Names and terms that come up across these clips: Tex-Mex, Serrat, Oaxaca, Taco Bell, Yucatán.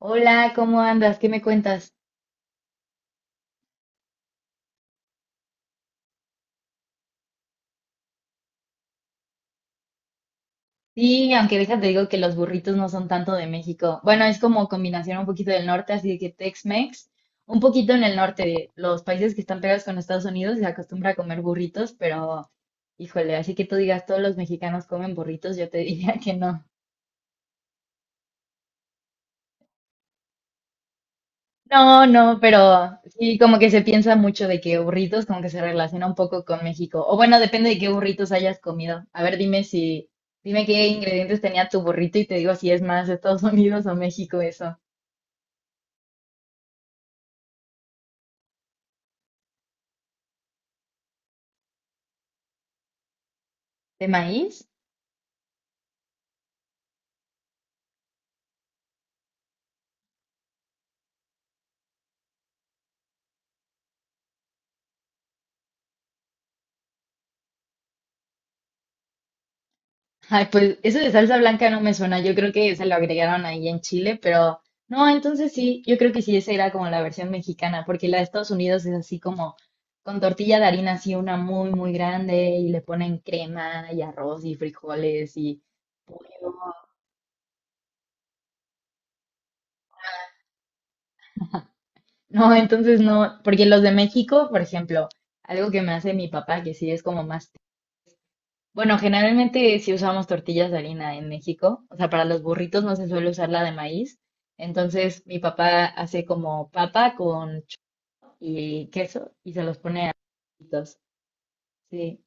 Hola, ¿cómo andas? ¿Qué me cuentas? Sí, aunque déjate digo que los burritos no son tanto de México. Bueno, es como combinación un poquito del norte, así de que Tex-Mex, un poquito en el norte de los países que están pegados con Estados Unidos se acostumbra a comer burritos, pero híjole, así que tú digas todos los mexicanos comen burritos, yo te diría que no. No, no, pero sí, como que se piensa mucho de que burritos, como que se relaciona un poco con México. O bueno, depende de qué burritos hayas comido. A ver, dime si, dime qué ingredientes tenía tu burrito y te digo si es más Estados Unidos o México eso. ¿De maíz? Ay, pues eso de salsa blanca no me suena. Yo creo que se lo agregaron ahí en Chile, pero no, entonces sí, yo creo que sí, esa era como la versión mexicana, porque la de Estados Unidos es así como con tortilla de harina, así una muy, muy grande, y le ponen crema y arroz y frijoles y pollo. No, entonces no, porque los de México, por ejemplo, algo que me hace mi papá, que sí es como más. Bueno, generalmente si usamos tortillas de harina en México, o sea, para los burritos no se suele usar la de maíz. Entonces mi papá hace como papa con chorizo y queso y se los pone a los burritos. Sí.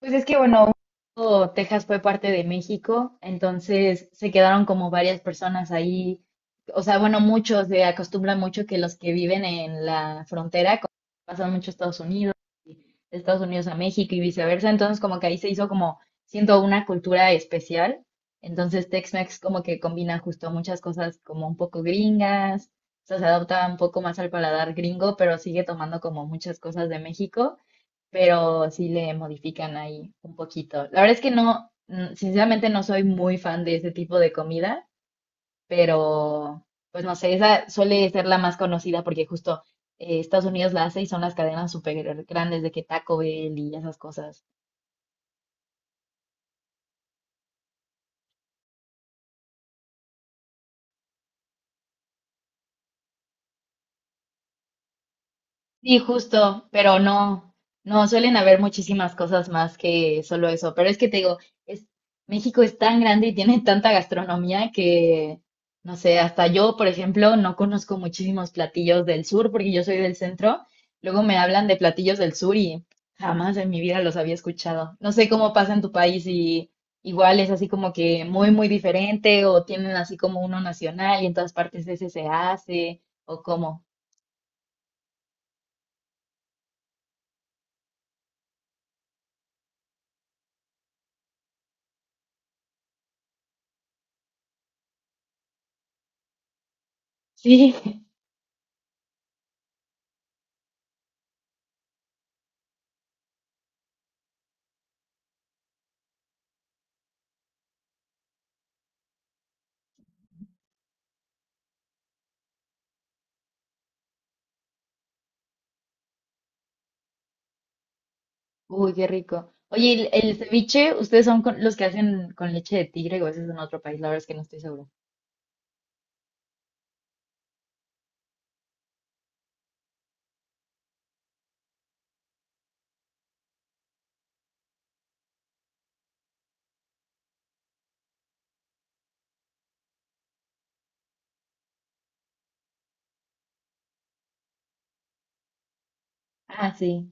Pues es que bueno, un tiempo Texas fue parte de México, entonces se quedaron como varias personas ahí. O sea, bueno, muchos se acostumbran mucho que los que viven en la frontera pasan mucho a Estados Unidos, de Estados Unidos a México y viceversa. Entonces, como que ahí se hizo como, siento, una cultura especial. Entonces, Tex-Mex como que combina justo muchas cosas como un poco gringas, o sea, se adapta un poco más al paladar gringo, pero sigue tomando como muchas cosas de México, pero sí le modifican ahí un poquito. La verdad es que no, sinceramente no soy muy fan de ese tipo de comida, pero pues no sé, esa suele ser la más conocida porque justo Estados Unidos la hace y son las cadenas súper grandes de que Taco Bell y esas cosas. Sí, justo, pero no, no, suelen haber muchísimas cosas más que solo eso. Pero es que te digo, es, México es tan grande y tiene tanta gastronomía que, no sé, hasta yo, por ejemplo, no conozco muchísimos platillos del sur porque yo soy del centro. Luego me hablan de platillos del sur y jamás en mi vida los había escuchado. No sé cómo pasa en tu país y igual es así como que muy, muy diferente o tienen así como uno nacional y en todas partes ese se hace o cómo. Sí. Uy, qué rico. Oye, ¿y el ceviche, ustedes son con- los que hacen con leche de tigre o eso es en otro país? La verdad es que no estoy segura. Ah, sí,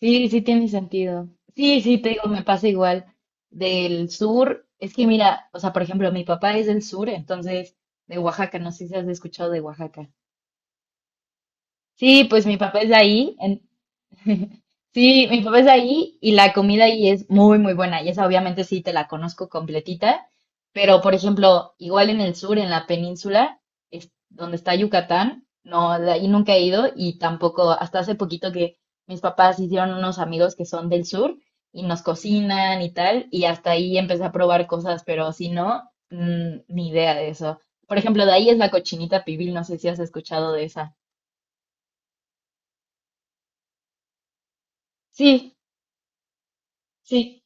sí, sí tiene sentido. Sí, sí, te digo, me pasa igual. Del sur, es que mira, o sea, por ejemplo, mi papá es del sur, entonces de Oaxaca, no sé si has escuchado de Oaxaca. Sí, pues mi papá es de ahí. Sí, mi papá es de ahí y la comida ahí es muy, muy buena. Y esa obviamente sí te la conozco completita. Pero, por ejemplo, igual en el sur, en la península, es donde está Yucatán, no, de ahí nunca he ido y tampoco, hasta hace poquito que mis papás hicieron unos amigos que son del sur y nos cocinan y tal. Y hasta ahí empecé a probar cosas, pero si no, ni idea de eso. Por ejemplo, de ahí es la cochinita pibil, no sé si has escuchado de esa. Sí, sí.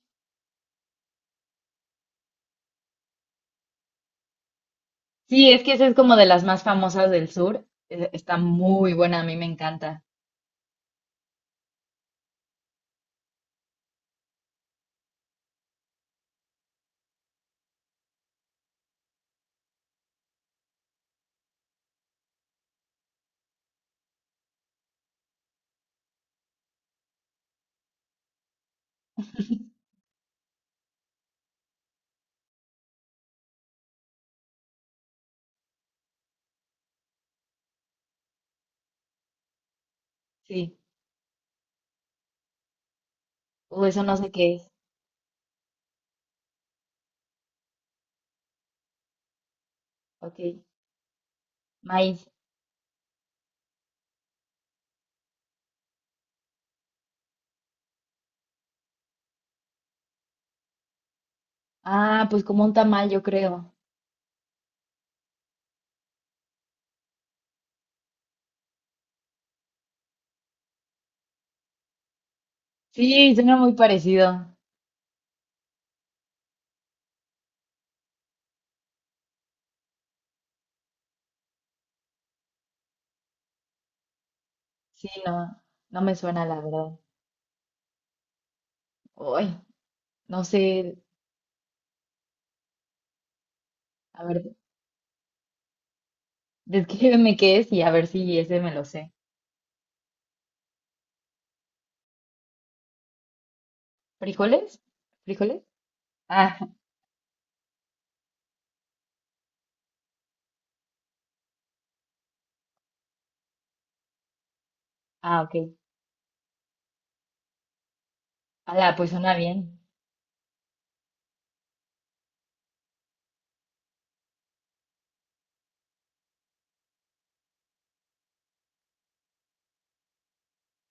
Sí, es que esa es como de las más famosas del sur. Está muy buena, a mí me encanta. Sí. Eso no sé qué es. Ok. Maíz. Ah, pues como un tamal, yo creo. Sí, suena muy parecido. Sí, no, no me suena la verdad. Uy, no sé. A ver, descríbeme qué es y a ver si ese me lo sé. ¿Frijoles? ¿Frijoles? Ah, ah, ok. Ala, pues suena bien.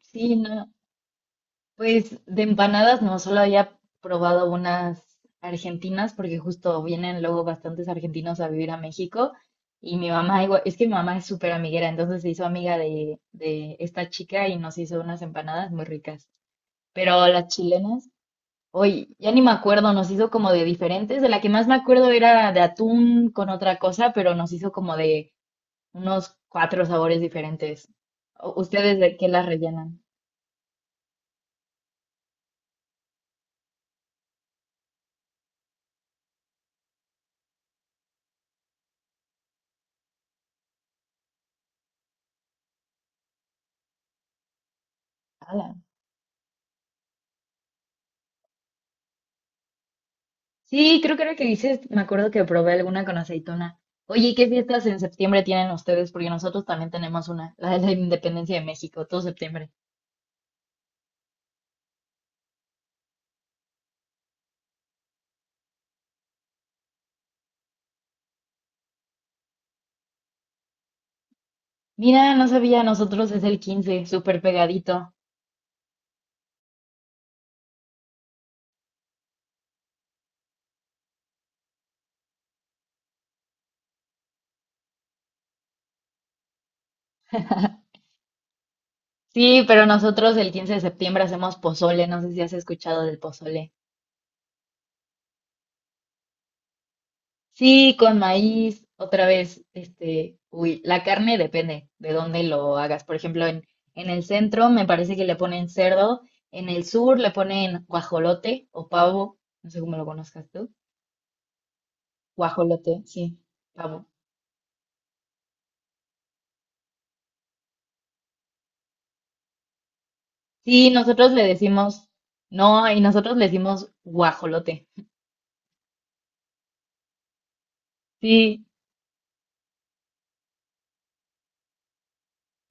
Sí, no. Pues de empanadas no, solo había probado unas argentinas porque justo vienen luego bastantes argentinos a vivir a México y mi mamá igual, es que mi mamá es súper amiguera, entonces se hizo amiga de esta chica y nos hizo unas empanadas muy ricas. Pero las chilenas, hoy ya ni me acuerdo, nos hizo como de diferentes, de la que más me acuerdo era de atún con otra cosa, pero nos hizo como de unos cuatro sabores diferentes. ¿Ustedes de qué las rellenan? Sí, creo que era el que dices, me acuerdo que probé alguna con aceituna. Oye, ¿y qué fiestas en septiembre tienen ustedes? Porque nosotros también tenemos una, la de la Independencia de México, todo septiembre. Mira, no sabía, nosotros es el 15, súper pegadito. Sí, pero nosotros el 15 de septiembre hacemos pozole, no sé si has escuchado del pozole. Sí, con maíz, otra vez, este, uy, la carne depende de dónde lo hagas. Por ejemplo, en el centro me parece que le ponen cerdo, en el sur le ponen guajolote o pavo, no sé cómo lo conozcas tú. Guajolote, sí, pavo. Sí, nosotros le decimos, no, y nosotros le decimos guajolote. Sí.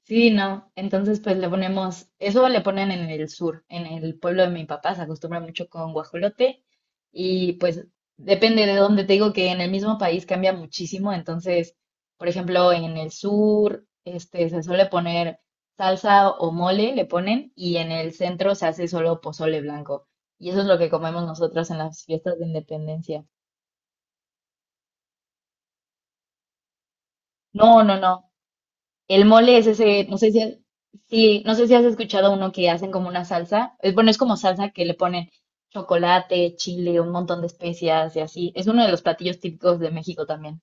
Sí, no. Entonces, pues le ponemos, eso le ponen en el sur, en el pueblo de mi papá, se acostumbra mucho con guajolote y pues depende de dónde te digo que en el mismo país cambia muchísimo. Entonces, por ejemplo, en el sur, este, se suele poner salsa o mole, le ponen, y en el centro se hace solo pozole blanco. Y eso es lo que comemos nosotras en las fiestas de independencia. No, no, no. El mole es ese, no sé si, sí, no sé si has escuchado uno que hacen como una salsa. Es, bueno, es como salsa que le ponen chocolate, chile, un montón de especias y así. Es uno de los platillos típicos de México también.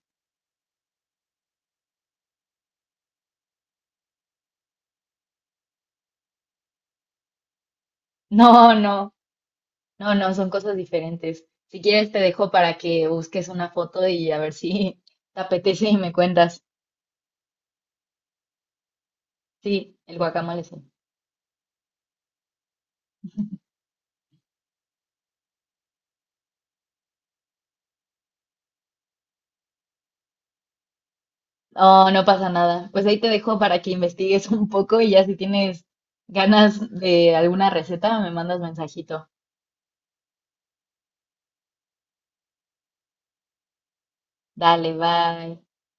No, no, no, no, son cosas diferentes. Si quieres te dejo para que busques una foto y a ver si te apetece y me cuentas. Sí, el guacamole sí. No, no pasa nada. Pues ahí te dejo para que investigues un poco y ya si tienes ganas de alguna receta me mandas mensajito. Dale, bye.